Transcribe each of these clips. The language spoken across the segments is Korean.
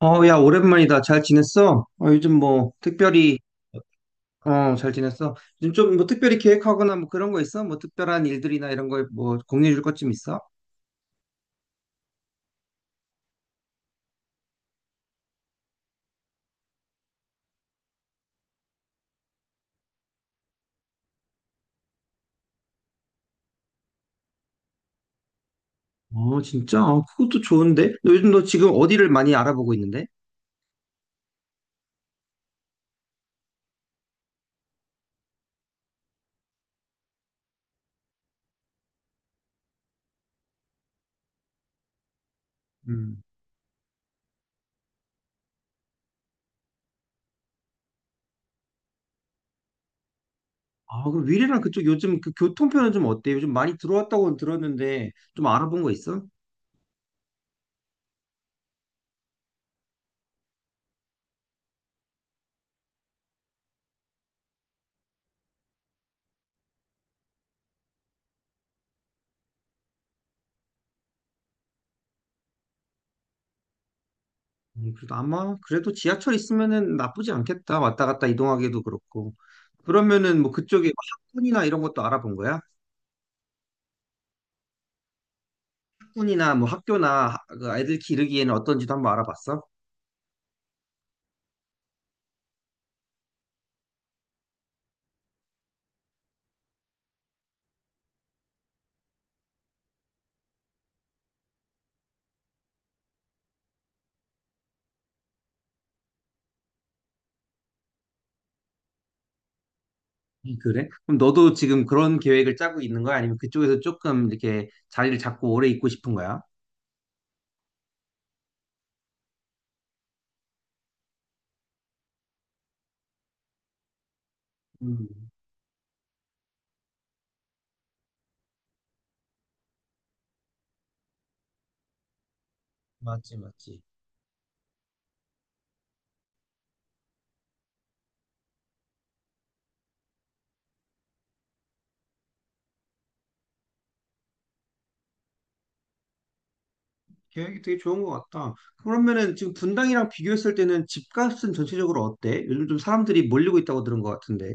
야, 오랜만이다. 잘 지냈어? 어, 요즘 뭐, 특별히, 어, 잘 지냈어? 요즘 좀 뭐, 특별히 계획하거나 뭐 그런 거 있어? 뭐, 특별한 일들이나 이런 거 뭐, 공유해 줄 것 좀 있어? 어, 진짜? 어, 그것도 좋은데? 너 지금 어디를 많이 알아보고 있는데? 음. 아, 그럼 위례랑 그쪽 요즘 그 교통편은 좀 어때? 요즘 많이 들어왔다고 들었는데, 좀 알아본 거 있어? 그래도 아마 그래도 지하철 있으면은 나쁘지 않겠다. 왔다 갔다 이동하기도 그렇고. 그러면은 뭐 그쪽에 뭐 학군이나 이런 것도 알아본 거야? 학군이나 뭐 그 아이들 기르기에는 어떤지도 한번 알아봤어? 그래? 그럼 너도 지금 그런 계획을 짜고 있는 거야? 아니면 그쪽에서 조금 이렇게 자리를 잡고 오래 있고 싶은 거야? 음, 맞지, 맞지. 계획이 되게 좋은 것 같다. 그러면은 지금 분당이랑 비교했을 때는 집값은 전체적으로 어때? 요즘 좀 사람들이 몰리고 있다고 들은 것 같은데.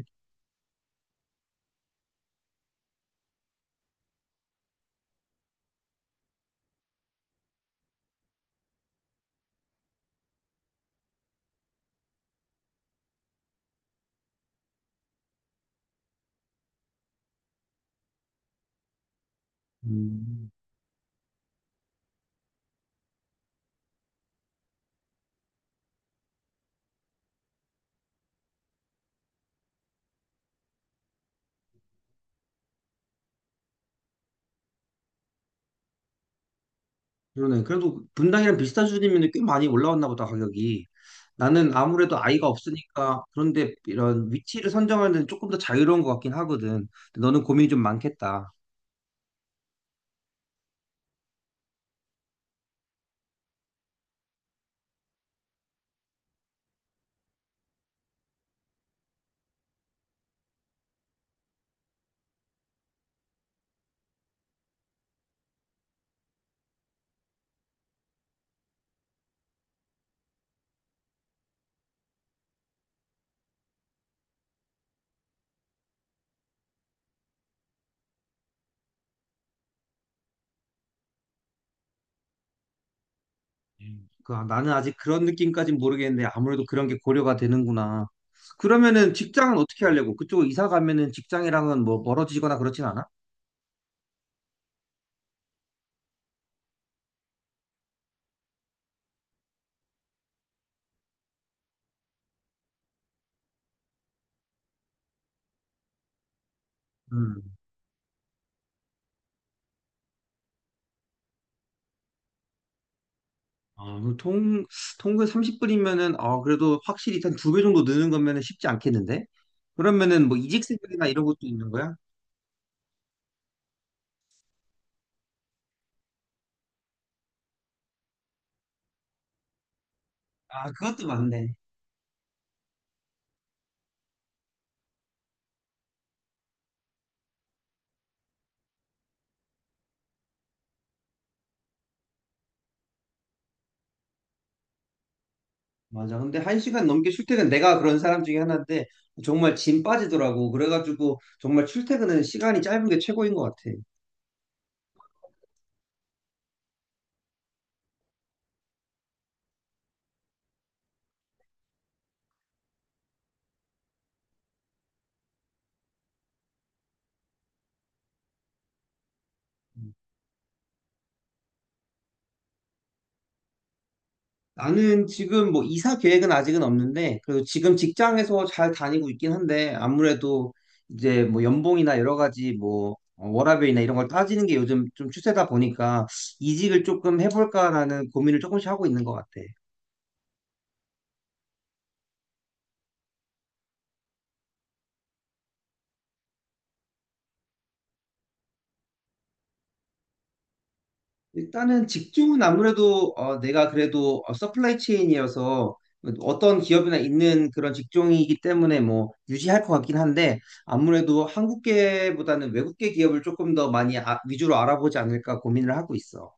음. 그러네. 그래도 분당이랑 비슷한 수준이면 꽤 많이 올라왔나 보다, 가격이. 나는 아무래도 아이가 없으니까 그런데 이런 위치를 선정하는 데는 조금 더 자유로운 것 같긴 하거든. 근데 너는 고민이 좀 많겠다. 음. 나는 아직 그런 느낌까진 모르겠는데 아무래도 그런 게 고려가 되는구나. 그러면은 직장은 어떻게 하려고? 그쪽으로 이사 가면은 직장이랑은 뭐 멀어지거나 그렇진 않아? 음. 아, 그럼 통, 통근 30분이면은, 아, 그래도 확실히 한 두 배 정도 느는 거면은 쉽지 않겠는데? 그러면은 뭐 이직 생각이나 이런 것도 있는 거야? 아, 그것도 맞네. 맞아. 근데 한 시간 넘게 출퇴근, 내가 그런 사람 중에 하나인데, 정말 짐 빠지더라고. 그래가지고, 정말 출퇴근은 시간이 짧은 게 최고인 것 같아. 음. 나는 지금 뭐 이사 계획은 아직은 없는데, 그리고 지금 직장에서 잘 다니고 있긴 한데, 아무래도 이제 뭐 연봉이나 여러 가지 뭐, 워라밸이나 이런 걸 따지는 게 요즘 좀 추세다 보니까, 이직을 조금 해볼까라는 고민을 조금씩 하고 있는 것 같아. 일단은 직종은 아무래도, 내가 그래도, 서플라이 체인이어서 어떤 기업이나 있는 그런 직종이기 때문에 뭐 유지할 것 같긴 한데 아무래도 한국계보다는 외국계 기업을 조금 더 많이 위주로 알아보지 않을까 고민을 하고 있어.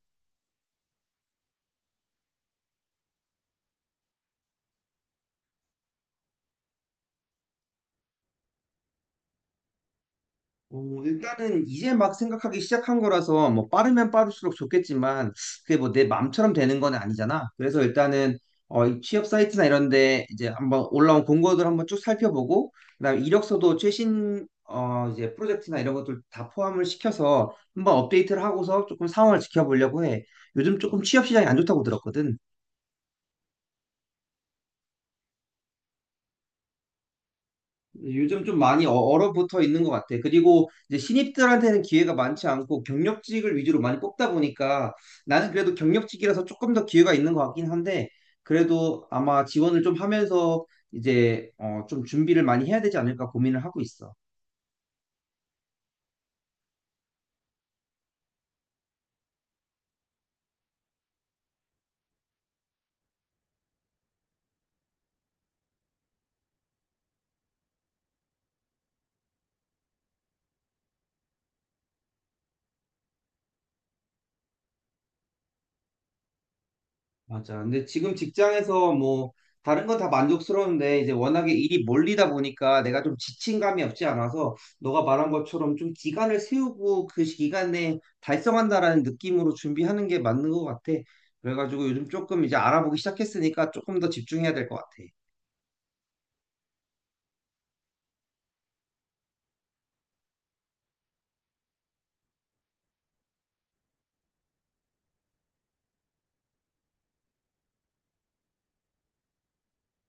어, 일단은 이제 막 생각하기 시작한 거라서 뭐 빠르면 빠를수록 좋겠지만 그게 뭐 내 맘처럼 되는 건 아니잖아. 그래서 일단은, 이 취업 사이트나 이런 데 이제 한번 올라온 공고들 한번 쭉 살펴보고 그다음 이력서도 최신, 이제 프로젝트나 이런 것들 다 포함을 시켜서 한번 업데이트를 하고서 조금 상황을 지켜보려고 해. 요즘 조금 취업 시장이 안 좋다고 들었거든. 요즘 좀 많이 얼어붙어 있는 것 같아. 그리고 이제 신입들한테는 기회가 많지 않고 경력직을 위주로 많이 뽑다 보니까 나는 그래도 경력직이라서 조금 더 기회가 있는 것 같긴 한데 그래도 아마 지원을 좀 하면서 이제, 좀 준비를 많이 해야 되지 않을까 고민을 하고 있어. 맞아. 근데 지금 직장에서 뭐 다른 건 다 만족스러운데 이제 워낙에 일이 몰리다 보니까 내가 좀 지친 감이 없지 않아서 너가 말한 것처럼 좀 기간을 세우고 그 기간에 달성한다라는 느낌으로 준비하는 게 맞는 것 같아. 그래가지고 요즘 조금 이제 알아보기 시작했으니까 조금 더 집중해야 될 것 같아.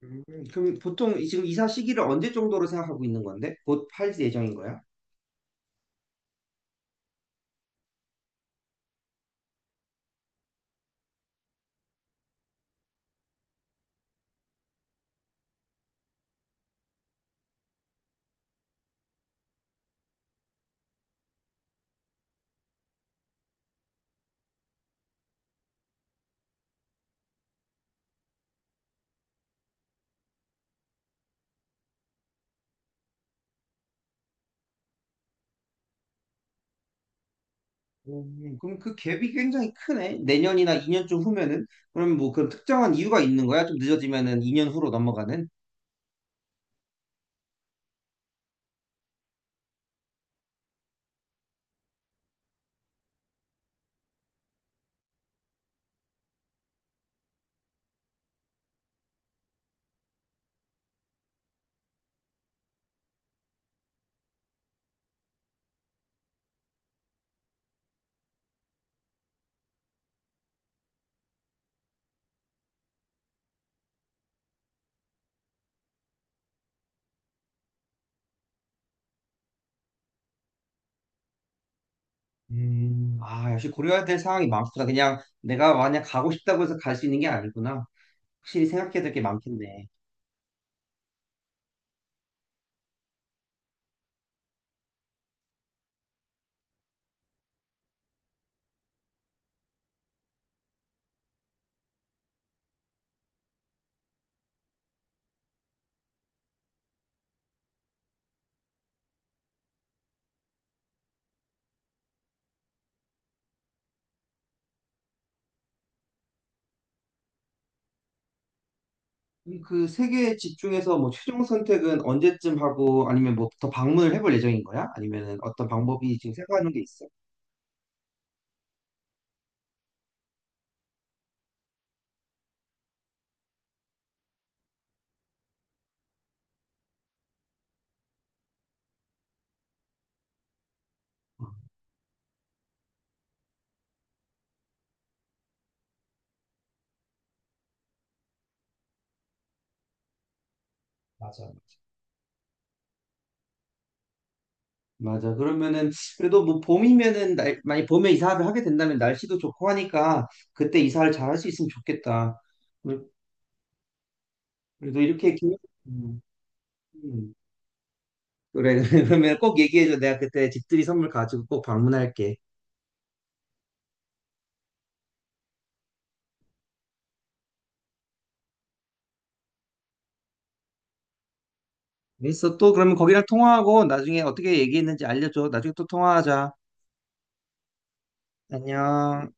음, 그럼 보통 지금 이사 시기를 언제 정도로 생각하고 있는 건데? 곧 팔 예정인 거야? 그럼 그 갭이 굉장히 크네. 내년이나 2년쯤 후면은 그럼 뭐 그런 특정한 이유가 있는 거야? 좀 늦어지면은 2년 후로 넘어가는? 아, 역시 고려해야 될 상황이 많구나. 그냥 내가 만약 가고 싶다고 해서 갈 수 있는 게 아니구나. 확실히 생각해야 될 게 많겠네. 그럼 그 세 개의 집 중에서 뭐 최종 선택은 언제쯤 하고 아니면 뭐 더 방문을 해볼 예정인 거야? 아니면은 어떤 방법이 지금 생각하는 게 있어? 어, 맞아. 맞아. 그러면은 그래도 뭐 봄이면은 날, 만약 봄에 이사를 하게 된다면 날씨도 좋고 하니까 그때 이사를 잘 할 수 있으면 좋겠다. 그래- 그래도 이렇게 기... 음, 음. 그래 그러면 꼭 얘기해줘. 내가 그때 집들이 선물 가지고 꼭 방문할게. 알겠어. 또 그러면 거기랑 통화하고 나중에 어떻게 얘기했는지 알려줘. 나중에 또 통화하자. 안녕.